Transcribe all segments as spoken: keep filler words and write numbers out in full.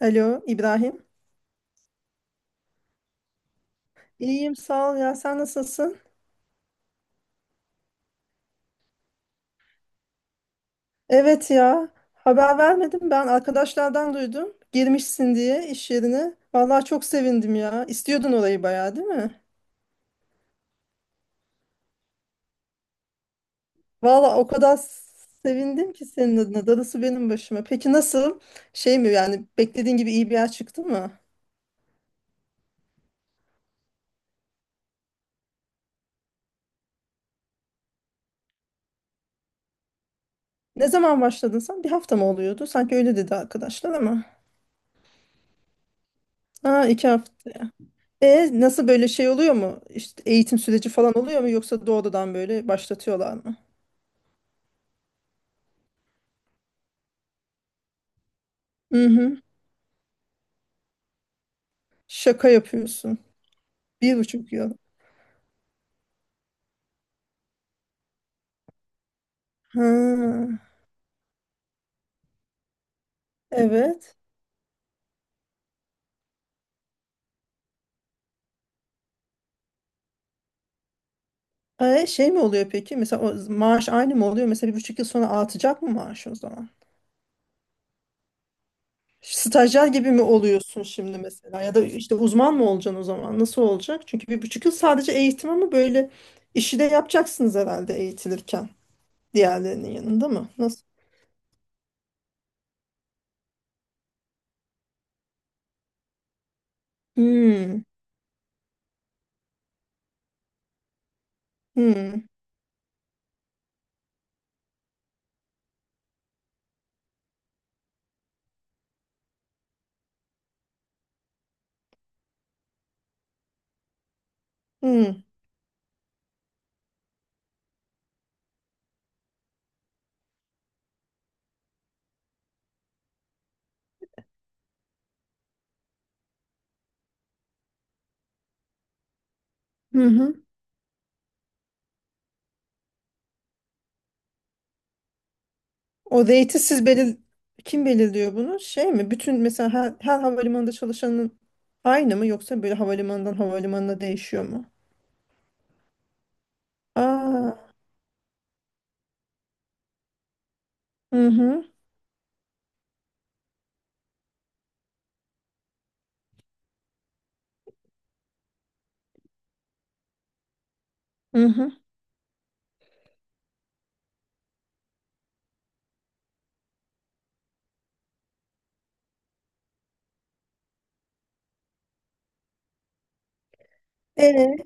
Alo İbrahim. İyiyim sağ ol ya sen nasılsın? Evet ya haber vermedim ben arkadaşlardan duydum. Girmişsin diye iş yerine. Vallahi çok sevindim ya. İstiyordun orayı bayağı değil mi? Vallahi o kadar sevindim ki senin adına. Darısı benim başıma. Peki nasıl? Şey mi yani beklediğin gibi iyi bir yer çıktı mı? Ne zaman başladın sen? Bir hafta mı oluyordu? Sanki öyle dedi arkadaşlar ama. Ha iki hafta. E nasıl böyle şey oluyor mu? İşte eğitim süreci falan oluyor mu yoksa doğrudan böyle başlatıyorlar mı? Hı hı. Şaka yapıyorsun. Bir buçuk yıl. Ha, evet. E, şey mi oluyor peki? Mesela o maaş aynı mı oluyor? Mesela bir buçuk yıl sonra artacak mı maaş o zaman? Stajyer gibi mi oluyorsun şimdi mesela? Ya da işte uzman mı olacaksın o zaman? Nasıl olacak? Çünkü bir buçuk yıl sadece eğitim ama böyle işi de yapacaksınız herhalde eğitilirken. Diğerlerinin yanında mı? Nasıl? Hmm, hmm, hmm. Hı hı. O rate'i siz belir kim belirliyor bunu? Şey mi? Bütün mesela her, her havalimanında çalışanın aynı mı yoksa böyle havalimanından havalimanına değişiyor mu? Aa, hı hı, hı hı. Ee,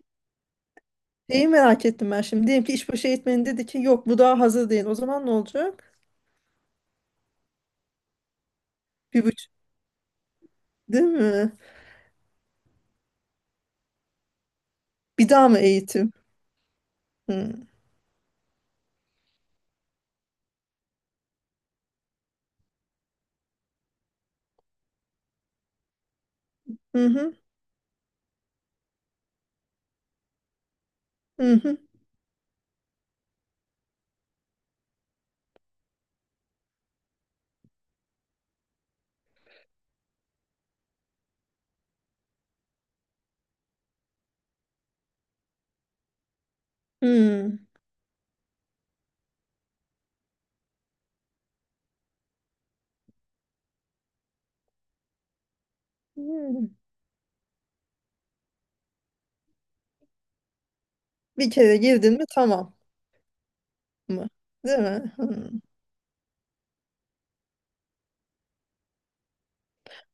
Şeyi merak ettim ben şimdi. Diyelim ki işbaşı eğitmeni dedi ki yok bu daha hazır değil. O zaman ne olacak? Bir buçuk, değil mi? Bir daha mı eğitim? Hı hı hı hı. hı. Hı. Hı. Bir kere girdin mi tamam mı? Değil mi? Hı.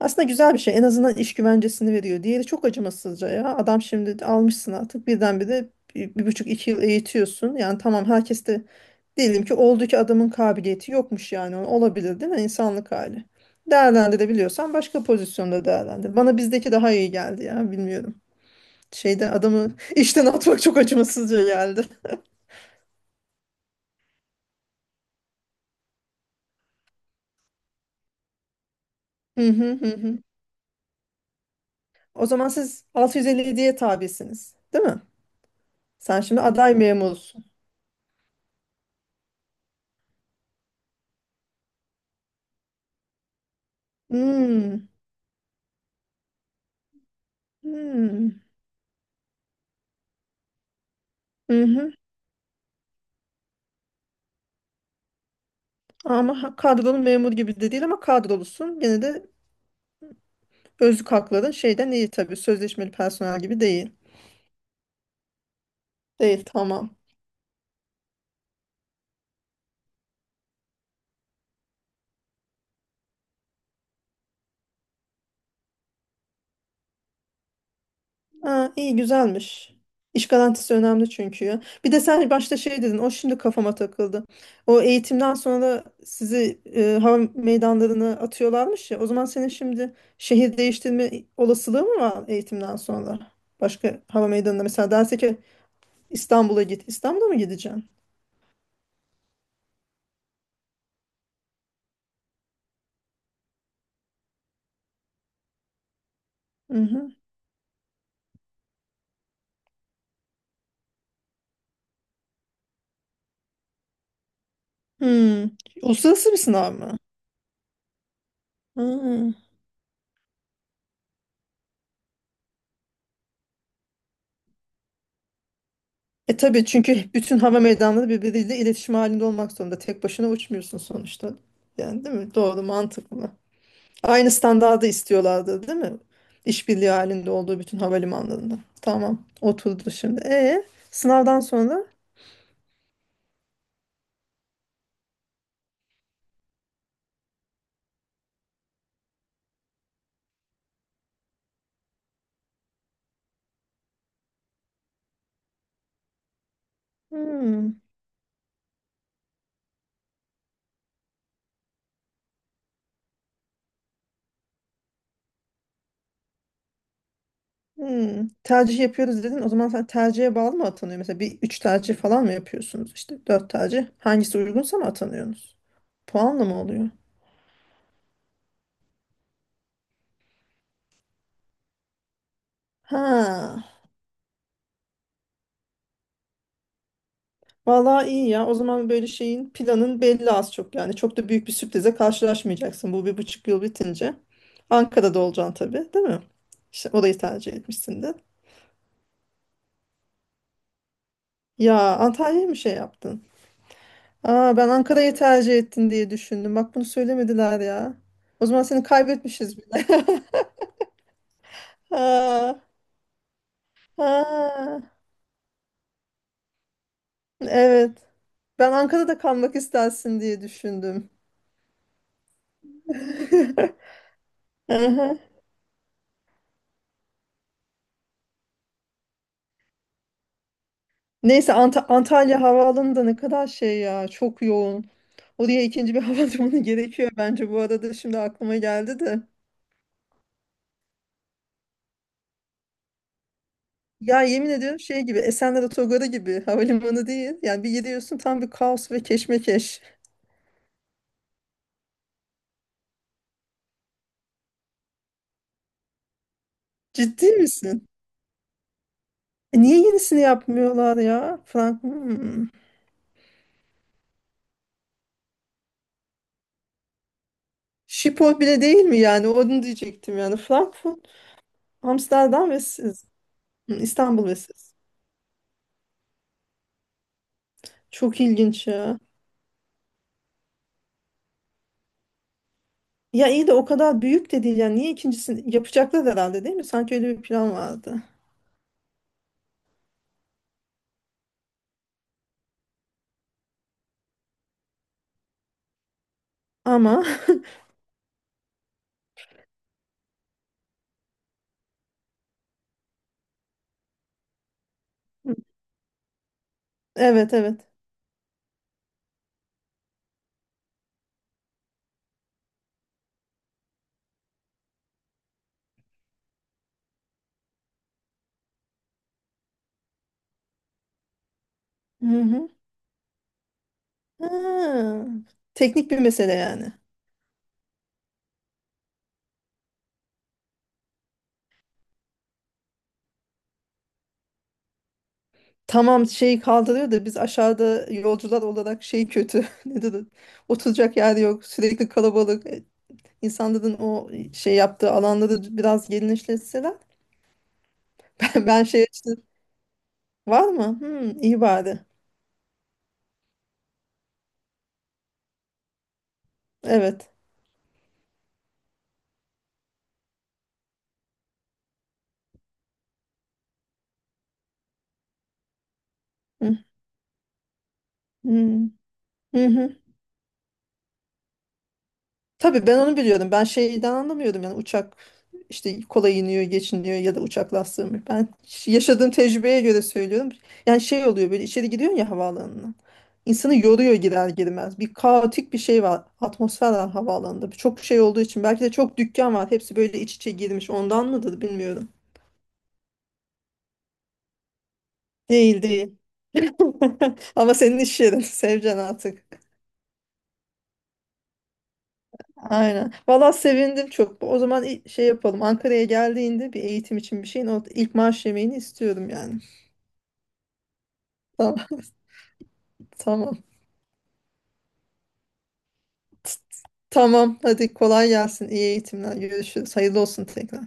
Aslında güzel bir şey. En azından iş güvencesini veriyor. Diğeri çok acımasızca ya. Adam şimdi almışsın artık. Birdenbire bir, bir buçuk iki yıl eğitiyorsun. Yani tamam herkes de diyelim ki oldu ki adamın kabiliyeti yokmuş yani. Olabilir değil mi? İnsanlık hali. Değerlendirebiliyorsan başka pozisyonda değerlendir. Bana bizdeki daha iyi geldi ya. Bilmiyorum. Şeyde adamı işten atmak çok acımasızca geldi. Hı hı hı. hı. O zaman siz altı yüz elli yediye tabisiniz, değil mi? Sen şimdi aday memursun. Hmm. Hmm. Hı hı. Ama ha- kadrolu memur gibi de değil ama kadrolusun. Gene de özlük hakların şeyden iyi tabii. Sözleşmeli personel gibi değil. Değil tamam. Ha, iyi güzelmiş. İş garantisi önemli çünkü ya. Bir de sen başta şey dedin. O şimdi kafama takıldı. O eğitimden sonra sizi e, hava meydanlarına atıyorlarmış ya. O zaman senin şimdi şehir değiştirme olasılığı mı var eğitimden sonra? Başka hava meydanına mesela derse ki İstanbul'a git. İstanbul'a mı gideceksin? Hı hı. Hmm. Uluslararası bir sınav mı? Hmm. E tabii çünkü bütün hava meydanları birbiriyle iletişim halinde olmak zorunda. Tek başına uçmuyorsun sonuçta. Yani değil mi? Doğru, mantıklı. Aynı standardı istiyorlardı, değil mi? İşbirliği halinde olduğu bütün havalimanlarında. Tamam, oturdu şimdi. E sınavdan sonra. Hmm, hmm. Tercih yapıyoruz dedin. O zaman sen tercihe bağlı mı atanıyor? Mesela bir üç tercih falan mı yapıyorsunuz? İşte dört tercih. Hangisi uygunsa mı atanıyorsunuz? Puanla mı oluyor? Ha. Vallahi iyi ya. O zaman böyle şeyin planın belli az çok yani. Çok da büyük bir sürprize karşılaşmayacaksın bu bir buçuk yıl bitince. Ankara'da olacaksın tabii, değil mi? İşte orayı tercih etmişsin de. Ya Antalya'ya mı şey yaptın? Aa ben Ankara'yı tercih ettin diye düşündüm. Bak bunu söylemediler ya. O zaman seni kaybetmişiz bile. Ha, ha, evet. Ben Ankara'da kalmak istersin diye düşündüm. Aha. Neyse Ant- Antalya Havaalanı da ne kadar şey ya çok yoğun. Oraya ikinci bir hava durumu gerekiyor bence bu arada şimdi aklıma geldi de. Ya yemin ediyorum şey gibi Esenler Otogarı gibi havalimanı değil. Yani bir gidiyorsun tam bir kaos ve keşmekeş. Ciddi misin? E niye yenisini yapmıyorlar ya? Frank hmm. Schiphol bile değil mi yani? Onu diyecektim yani. Frankfurt, Amsterdam ve siz. Hmm, İstanbul ve siz. Çok ilginç ya. Ya iyi de o kadar büyük de değil yani niye ikincisini yapacaklar herhalde değil mi? Sanki öyle bir plan vardı. Ama evet evet. Hı hı. Ha, teknik bir mesele yani. Tamam şeyi kaldırıyor da biz aşağıda yolcular olarak şey kötü. Nedir? O? Oturacak yer yok. Sürekli kalabalık. E, İnsanların o şey yaptığı alanları biraz genişletseler. Ben, ben şey açtım. Var mı? Hmm, iyi bari. Evet. Hı hı. Hı hı. Tabii ben onu biliyordum. Ben şeyden anlamıyordum yani uçak işte kolay iniyor, geçiniyor ya da uçak lastiği mi? Ben yaşadığım tecrübeye göre söylüyorum. Yani şey oluyor böyle içeri giriyorsun ya havaalanına. İnsanı yoruyor girer girmez. Bir kaotik bir şey var. Atmosfer var havaalanında. Çok şey olduğu için belki de çok dükkan var. Hepsi böyle iç içe girmiş. Ondan mıdır bilmiyorum. Değil değil. Ama senin iş yerin. Seveceksin artık. Aynen. Valla sevindim çok. O zaman i- şey yapalım. Ankara'ya geldiğinde bir eğitim için bir şeyin o ilk maaş yemeğini istiyorum yani. Tamam. Tamam. Tamam. Hadi kolay gelsin. İyi eğitimler. Görüşürüz. Hayırlı olsun tekrar.